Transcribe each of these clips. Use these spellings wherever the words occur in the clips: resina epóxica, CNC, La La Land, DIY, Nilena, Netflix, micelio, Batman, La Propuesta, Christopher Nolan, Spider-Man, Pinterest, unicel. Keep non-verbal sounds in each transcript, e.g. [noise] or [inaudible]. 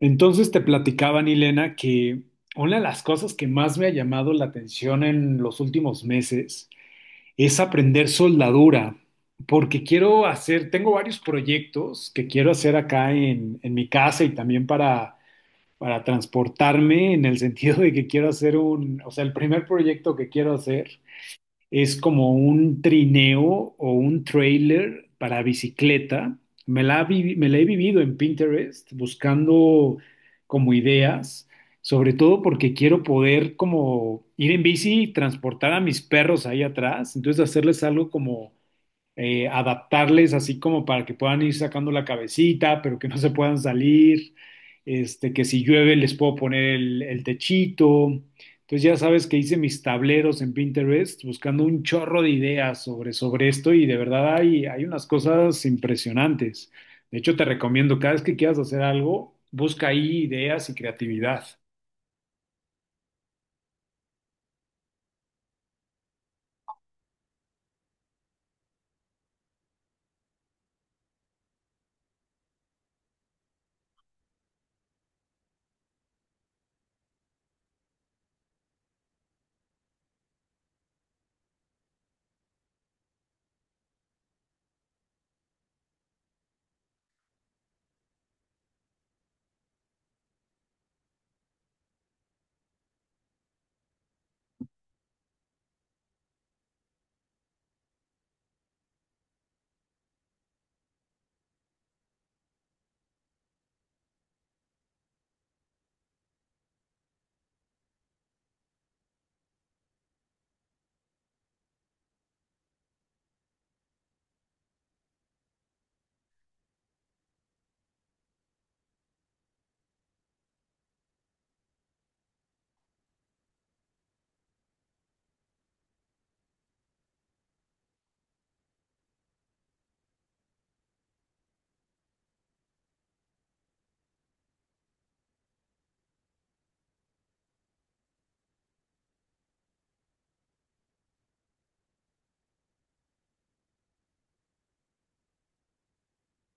Entonces te platicaba Nilena que una de las cosas que más me ha llamado la atención en los últimos meses es aprender soldadura, porque quiero hacer, tengo varios proyectos que quiero hacer acá en mi casa y también para transportarme, en el sentido de que quiero hacer un, o sea, el primer proyecto que quiero hacer. Es como un trineo o un trailer para bicicleta. Me la he vivido en Pinterest buscando como ideas, sobre todo porque quiero poder como ir en bici y transportar a mis perros ahí atrás, entonces hacerles algo como adaptarles así como para que puedan ir sacando la cabecita, pero que no se puedan salir, este, que si llueve les puedo poner el techito. Entonces ya sabes que hice mis tableros en Pinterest buscando un chorro de ideas sobre esto y de verdad hay unas cosas impresionantes. De hecho, te recomiendo, cada vez que quieras hacer algo, busca ahí ideas y creatividad.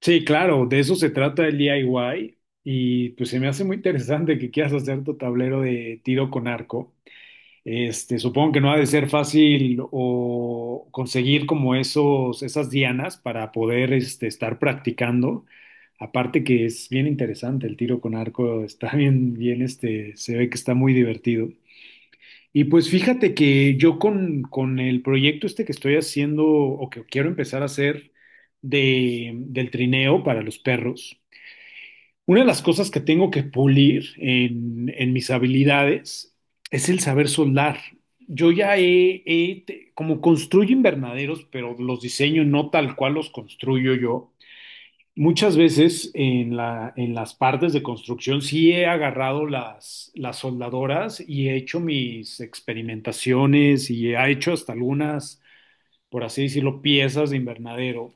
Sí, claro, de eso se trata el DIY y pues se me hace muy interesante que quieras hacer tu tablero de tiro con arco. Este, supongo que no ha de ser fácil o conseguir como esos, esas dianas para poder este, estar practicando. Aparte que es bien interesante el tiro con arco, [laughs] está bien, bien, este, se ve que está muy divertido. Y pues fíjate que yo con el proyecto este que estoy haciendo o que quiero empezar a hacer del trineo para los perros, una de las cosas que tengo que pulir en mis habilidades es el saber soldar. Yo como construyo invernaderos, pero los diseño no tal cual los construyo yo. Muchas veces en las partes de construcción sí he agarrado las soldadoras y he hecho mis experimentaciones y he hecho hasta algunas, por así decirlo, piezas de invernadero,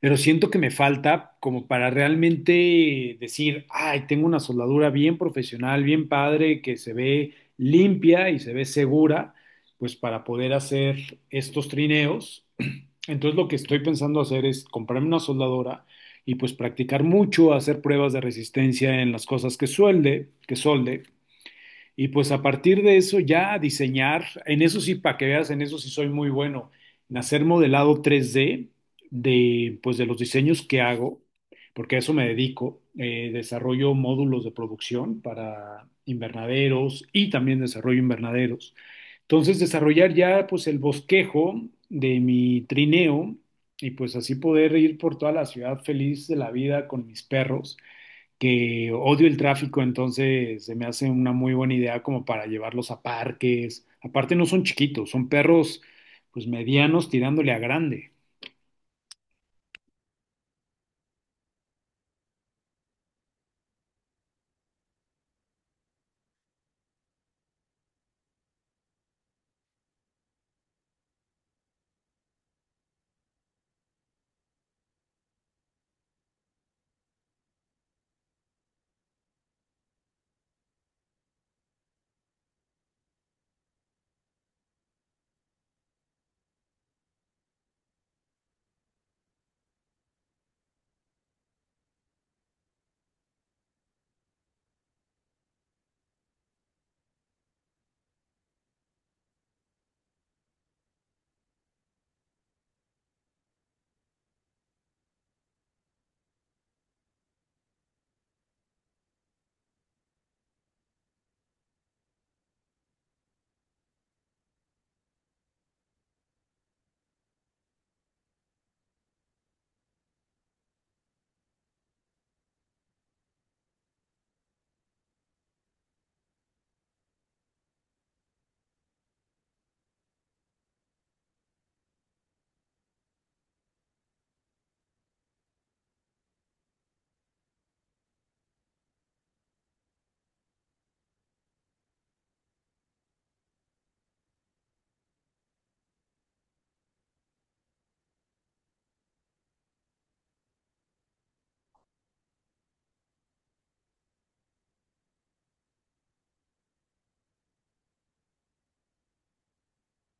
pero siento que me falta como para realmente decir, ay, tengo una soldadura bien profesional, bien padre, que se ve limpia y se ve segura, pues para poder hacer estos trineos. Entonces lo que estoy pensando hacer es comprarme una soldadora y pues practicar mucho, hacer pruebas de resistencia en las cosas que suelde, que solde, y pues a partir de eso ya diseñar, en eso sí, para que veas, en eso sí soy muy bueno, en hacer modelado 3D de, pues de los diseños que hago, porque a eso me dedico. Desarrollo módulos de producción para invernaderos y también desarrollo invernaderos. Entonces, desarrollar ya pues el bosquejo de mi trineo y pues así poder ir por toda la ciudad feliz de la vida con mis perros, que odio el tráfico, entonces se me hace una muy buena idea como para llevarlos a parques. Aparte no son chiquitos, son perros pues medianos tirándole a grande.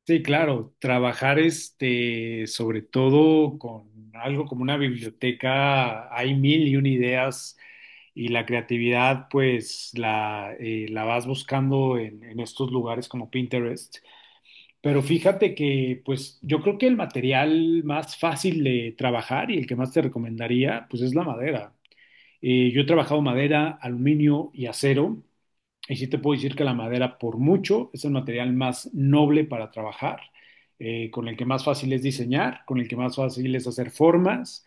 Sí, claro, trabajar este, sobre todo con algo como una biblioteca, hay mil y una ideas y la creatividad pues la, la vas buscando en estos lugares como Pinterest. Pero fíjate que, pues, yo creo que el material más fácil de trabajar y el que más te recomendaría, pues, es la madera. Yo he trabajado madera, aluminio y acero, y sí te puedo decir que la madera, por mucho, es el material más noble para trabajar, con el que más fácil es diseñar, con el que más fácil es hacer formas.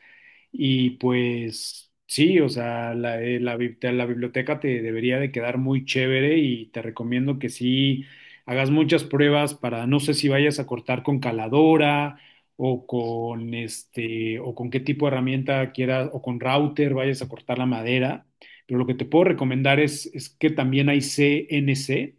Y pues sí, o sea, la, la biblioteca te debería de quedar muy chévere y te recomiendo que sí hagas muchas pruebas para, no sé si vayas a cortar con caladora o con este, o con qué tipo de herramienta quieras, o con router vayas a cortar la madera. Pero lo que te puedo recomendar es que también hay CNC,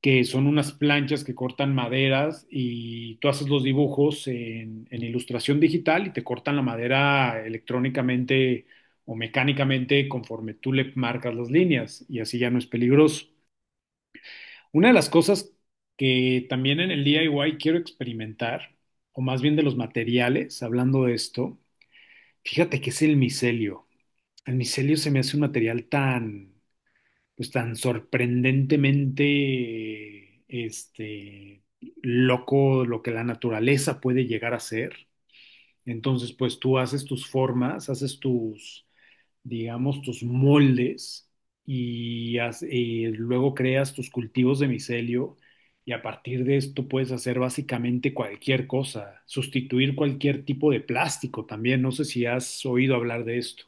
que son unas planchas que cortan maderas y tú haces los dibujos en ilustración digital y te cortan la madera electrónicamente o mecánicamente conforme tú le marcas las líneas y así ya no es peligroso. Una de las cosas que también en el DIY quiero experimentar, o más bien de los materiales, hablando de esto, fíjate que es el micelio. El micelio se me hace un material tan, pues tan sorprendentemente este, loco lo que la naturaleza puede llegar a ser. Entonces, pues tú haces tus formas, haces tus, digamos, tus moldes y, y luego creas tus cultivos de micelio y a partir de esto puedes hacer básicamente cualquier cosa, sustituir cualquier tipo de plástico también. No sé si has oído hablar de esto.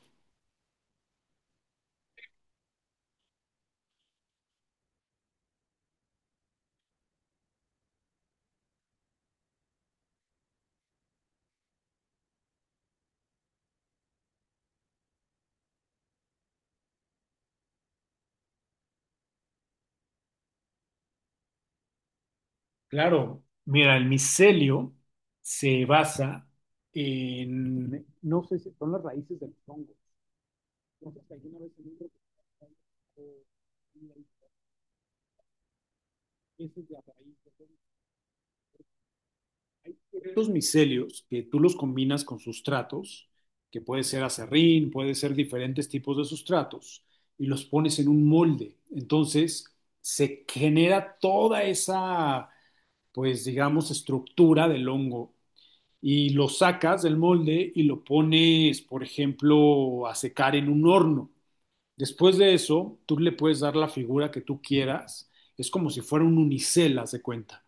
Claro, mira, el micelio se basa en, no sé si son las raíces de los hongos. No sé si alguna vez en un documental o en las, la raíz de los hongos. Estos micelios que tú los combinas con sustratos, que puede ser acerrín, puede ser diferentes tipos de sustratos, y los pones en un molde. Entonces se genera toda esa, pues digamos, estructura del hongo y lo sacas del molde y lo pones, por ejemplo, a secar en un horno. Después de eso, tú le puedes dar la figura que tú quieras. Es como si fuera un unicel, haz de cuenta.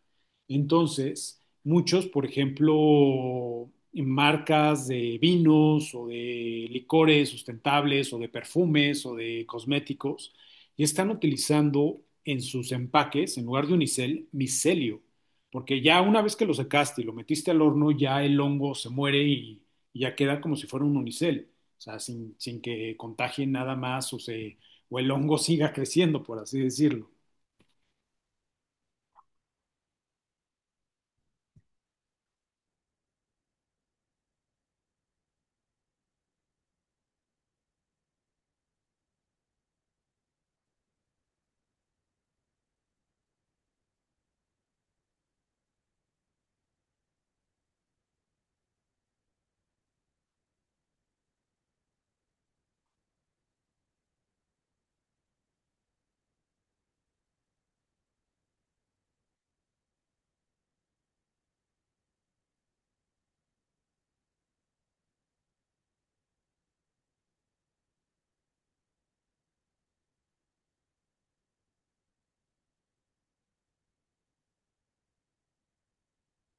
Entonces, muchos, por ejemplo, marcas de vinos o de licores sustentables o de perfumes o de cosméticos, y están utilizando en sus empaques, en lugar de unicel, micelio. Porque ya una vez que lo secaste y lo metiste al horno, ya el hongo se muere y ya queda como si fuera un unicel. O sea, sin que contagien nada más o, se, o el hongo siga creciendo, por así decirlo.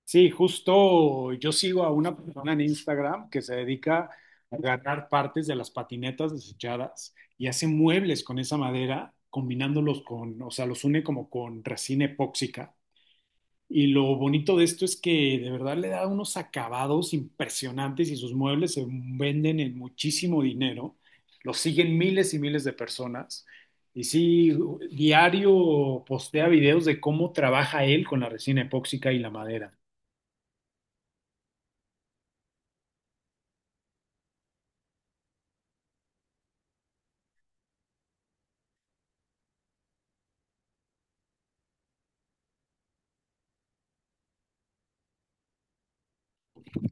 Sí, justo yo sigo a una persona en Instagram que se dedica a agarrar partes de las patinetas desechadas y hace muebles con esa madera, combinándolos con, o sea, los une como con resina epóxica. Y lo bonito de esto es que de verdad le da unos acabados impresionantes y sus muebles se venden en muchísimo dinero. Lo siguen miles y miles de personas. Y sí, diario postea videos de cómo trabaja él con la resina epóxica y la madera.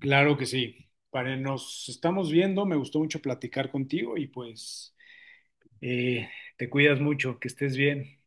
Claro que sí. Para, nos estamos viendo. Me gustó mucho platicar contigo y pues eh, te cuidas mucho, que estés bien.